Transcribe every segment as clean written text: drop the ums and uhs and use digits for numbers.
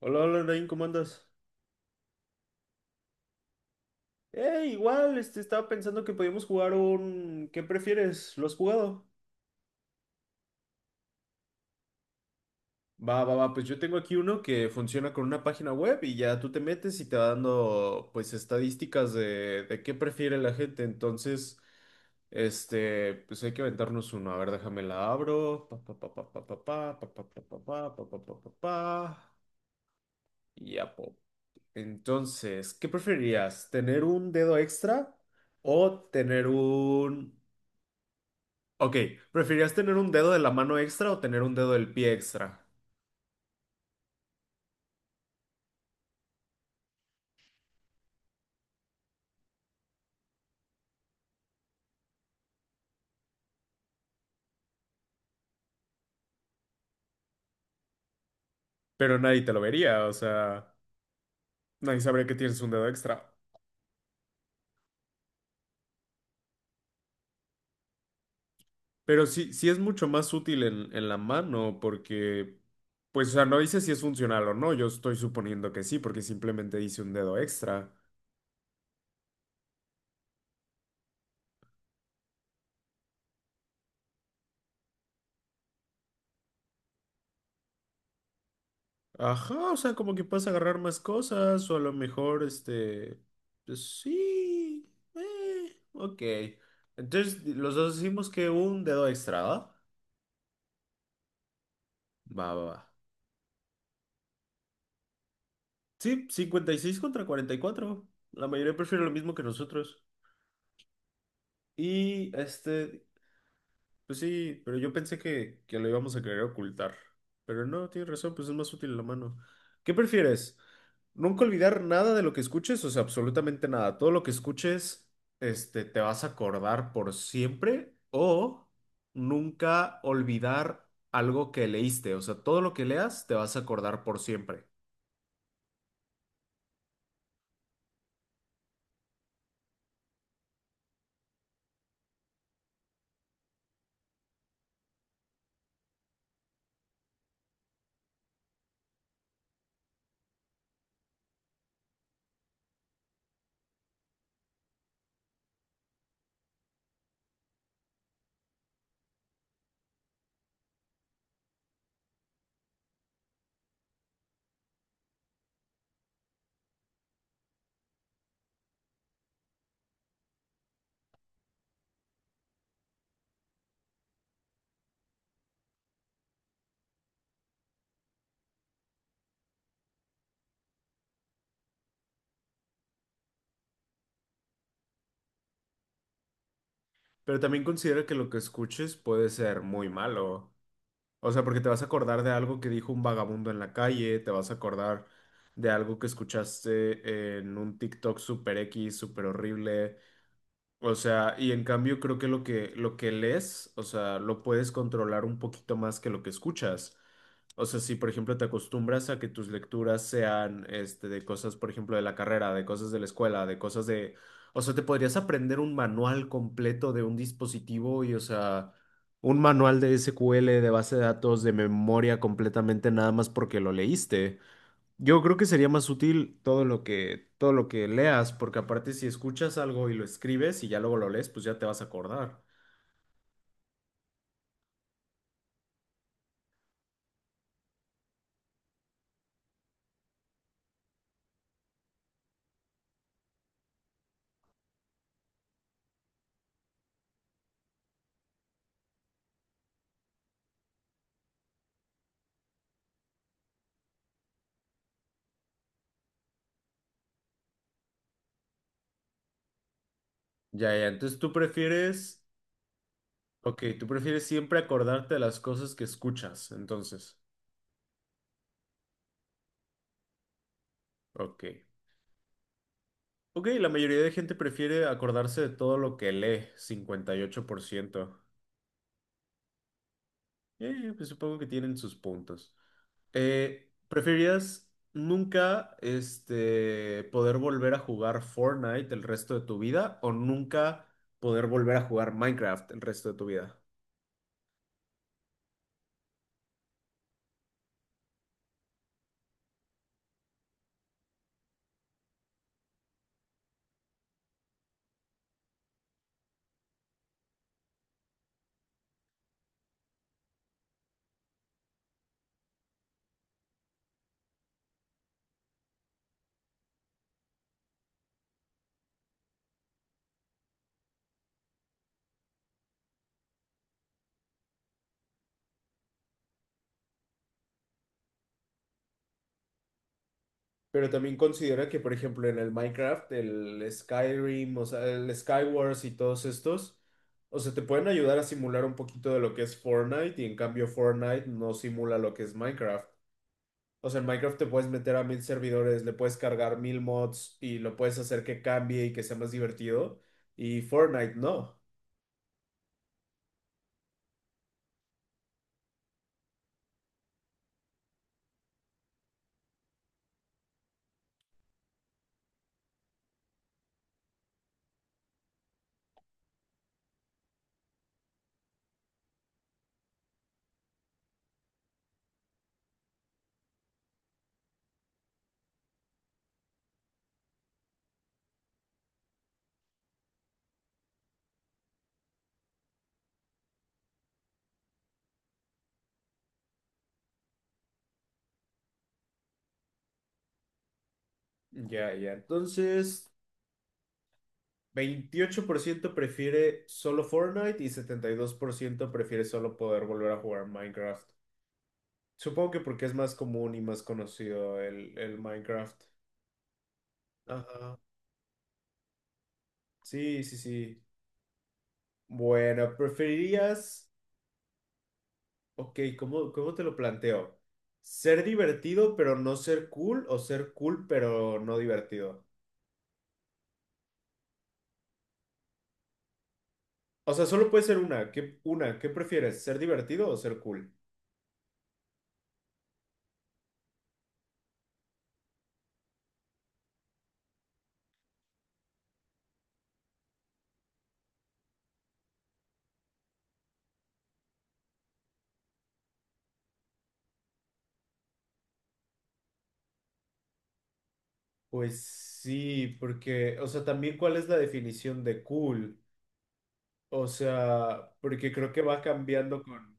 Hola, hola, Nain, ¿cómo andas? Igual, estaba pensando que podíamos jugar un... ¿Qué prefieres? ¿Lo has jugado? Va, va, va, pues yo tengo aquí uno que funciona con una página web y ya tú te metes y te va dando, pues, estadísticas de qué prefiere la gente. Entonces, pues hay que aventarnos uno. A ver, déjame la abro. Pa, pa, pa, pa, pa, pa, pa, pa, pa, pa, pa, pa, pa, pa, pa, pa, pa. Y ya, po. Entonces, ¿qué preferirías? ¿Tener un dedo extra o tener un... Ok, ¿preferirías tener un dedo de la mano extra o tener un dedo del pie extra? Pero nadie te lo vería, o sea, nadie sabría que tienes un dedo extra. Pero sí, sí es mucho más útil en la mano porque, pues, o sea, no dice si es funcional o no, yo estoy suponiendo que sí, porque simplemente dice un dedo extra. Ajá, o sea, como que puedes agarrar más cosas o a lo mejor, pues sí, ok. Entonces, los dos decimos que un dedo extra, ¿va? Va, va, va. Sí, 56 contra 44. La mayoría prefiere lo mismo que nosotros. Y pues sí, pero yo pensé que lo íbamos a querer ocultar. Pero no, tienes razón, pues es más útil la mano. ¿Qué prefieres? Nunca olvidar nada de lo que escuches, o sea, absolutamente nada. Todo lo que escuches, te vas a acordar por siempre o nunca olvidar algo que leíste, o sea, todo lo que leas te vas a acordar por siempre. Pero también considera que lo que escuches puede ser muy malo. O sea, porque te vas a acordar de algo que dijo un vagabundo en la calle, te vas a acordar de algo que escuchaste en un TikTok super X, super horrible. O sea, y en cambio creo que lo que lees, o sea, lo puedes controlar un poquito más que lo que escuchas. O sea, si por ejemplo te acostumbras a que tus lecturas sean de cosas, por ejemplo, de la carrera, de cosas de la escuela, de cosas de, o sea, te podrías aprender un manual completo de un dispositivo y, o sea, un manual de SQL, de base de datos, de memoria completamente nada más porque lo leíste. Yo creo que sería más útil todo lo que leas, porque aparte si escuchas algo y lo escribes y ya luego lo lees, pues ya te vas a acordar. Ya, ya. Entonces tú prefieres, ok, tú prefieres siempre acordarte de las cosas que escuchas, entonces, ok. Ok, la mayoría de gente prefiere acordarse de todo lo que lee, 58%. Pues supongo que tienen sus puntos. ¿Preferirías nunca poder volver a jugar Fortnite el resto de tu vida o nunca poder volver a jugar Minecraft el resto de tu vida? Pero también considera que, por ejemplo, en el Minecraft, el Skyrim, o sea, el Skywars y todos estos, o sea, te pueden ayudar a simular un poquito de lo que es Fortnite y en cambio Fortnite no simula lo que es Minecraft. O sea, en Minecraft te puedes meter a mil servidores, le puedes cargar mil mods y lo puedes hacer que cambie y que sea más divertido. Y Fortnite no. Ya, ya. Entonces, 28% prefiere solo Fortnite y 72% prefiere solo poder volver a jugar Minecraft. Supongo que porque es más común y más conocido el Minecraft. Ajá. Sí, sí, sí. Bueno, ¿preferirías... Ok, ¿cómo, cómo te lo planteo? ¿Ser divertido pero no ser cool o ser cool pero no divertido? O sea, solo puede ser una. ¿Qué, una, ¿qué prefieres? ¿Ser divertido o ser cool? Pues sí, porque, o sea, también cuál es la definición de cool. O sea, porque creo que va cambiando con...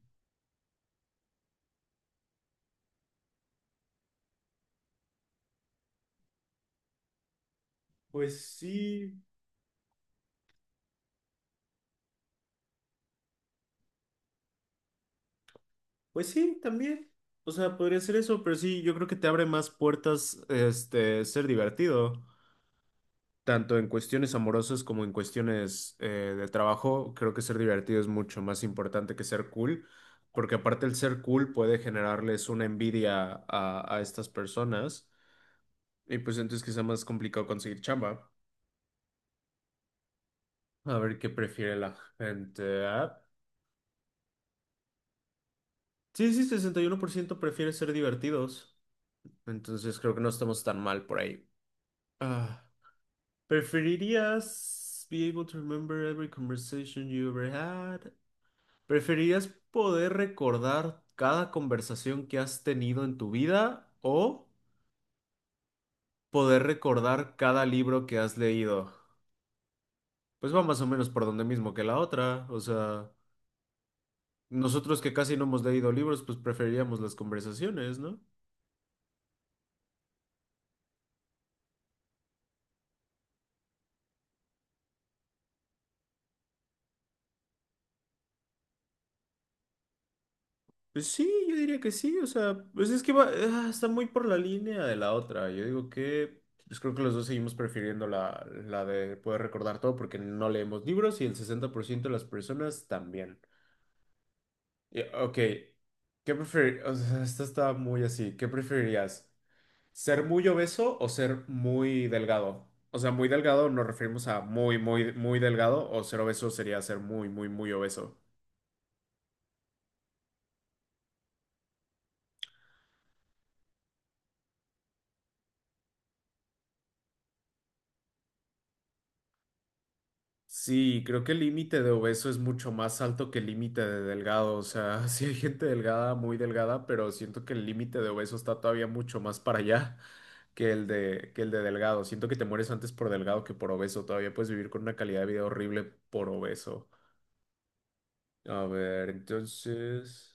Pues sí, pues sí, también. O sea, podría ser eso, pero sí, yo creo que te abre más puertas, ser divertido. Tanto en cuestiones amorosas como en cuestiones de trabajo, creo que ser divertido es mucho más importante que ser cool, porque aparte el ser cool puede generarles una envidia a estas personas y pues entonces quizá más complicado conseguir chamba. A ver qué prefiere la gente. Ah, sí, sí, 61% prefiere ser divertidos, entonces creo que no estamos tan mal por ahí. Ah, ¿preferirías be able to remember every conversation you ever had? ¿Preferirías poder recordar cada conversación que has tenido en tu vida o poder recordar cada libro que has leído? Pues va más o menos por donde mismo que la otra. O sea, nosotros que casi no hemos leído libros, pues preferiríamos las conversaciones, ¿no? Pues sí, yo diría que sí. O sea, pues es que va, ah, está muy por la línea de la otra. Yo digo que, pues creo que los dos seguimos prefiriendo la de poder recordar todo porque no leemos libros y el 60% de las personas también. Ok, ¿qué preferir? O sea, esta está muy así. ¿Qué preferirías? ¿Ser muy obeso o ser muy delgado? O sea, muy delgado nos referimos a muy, muy, muy delgado o ser obeso sería ser muy, muy, muy obeso. Sí, creo que el límite de obeso es mucho más alto que el límite de delgado. O sea, sí hay gente delgada, muy delgada, pero siento que el límite de obeso está todavía mucho más para allá que el de delgado. Siento que te mueres antes por delgado que por obeso. Todavía puedes vivir con una calidad de vida horrible por obeso. A ver, entonces.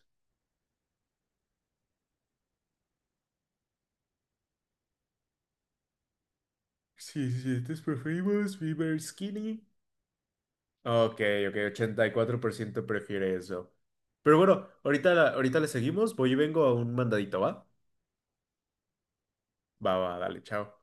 Sí, sí, estos preferimos Fever Skinny. Ok, ok, 84% prefiere eso. Pero bueno, ahorita, ahorita le seguimos. Voy y vengo a un mandadito, ¿va? Va, va, dale, chao.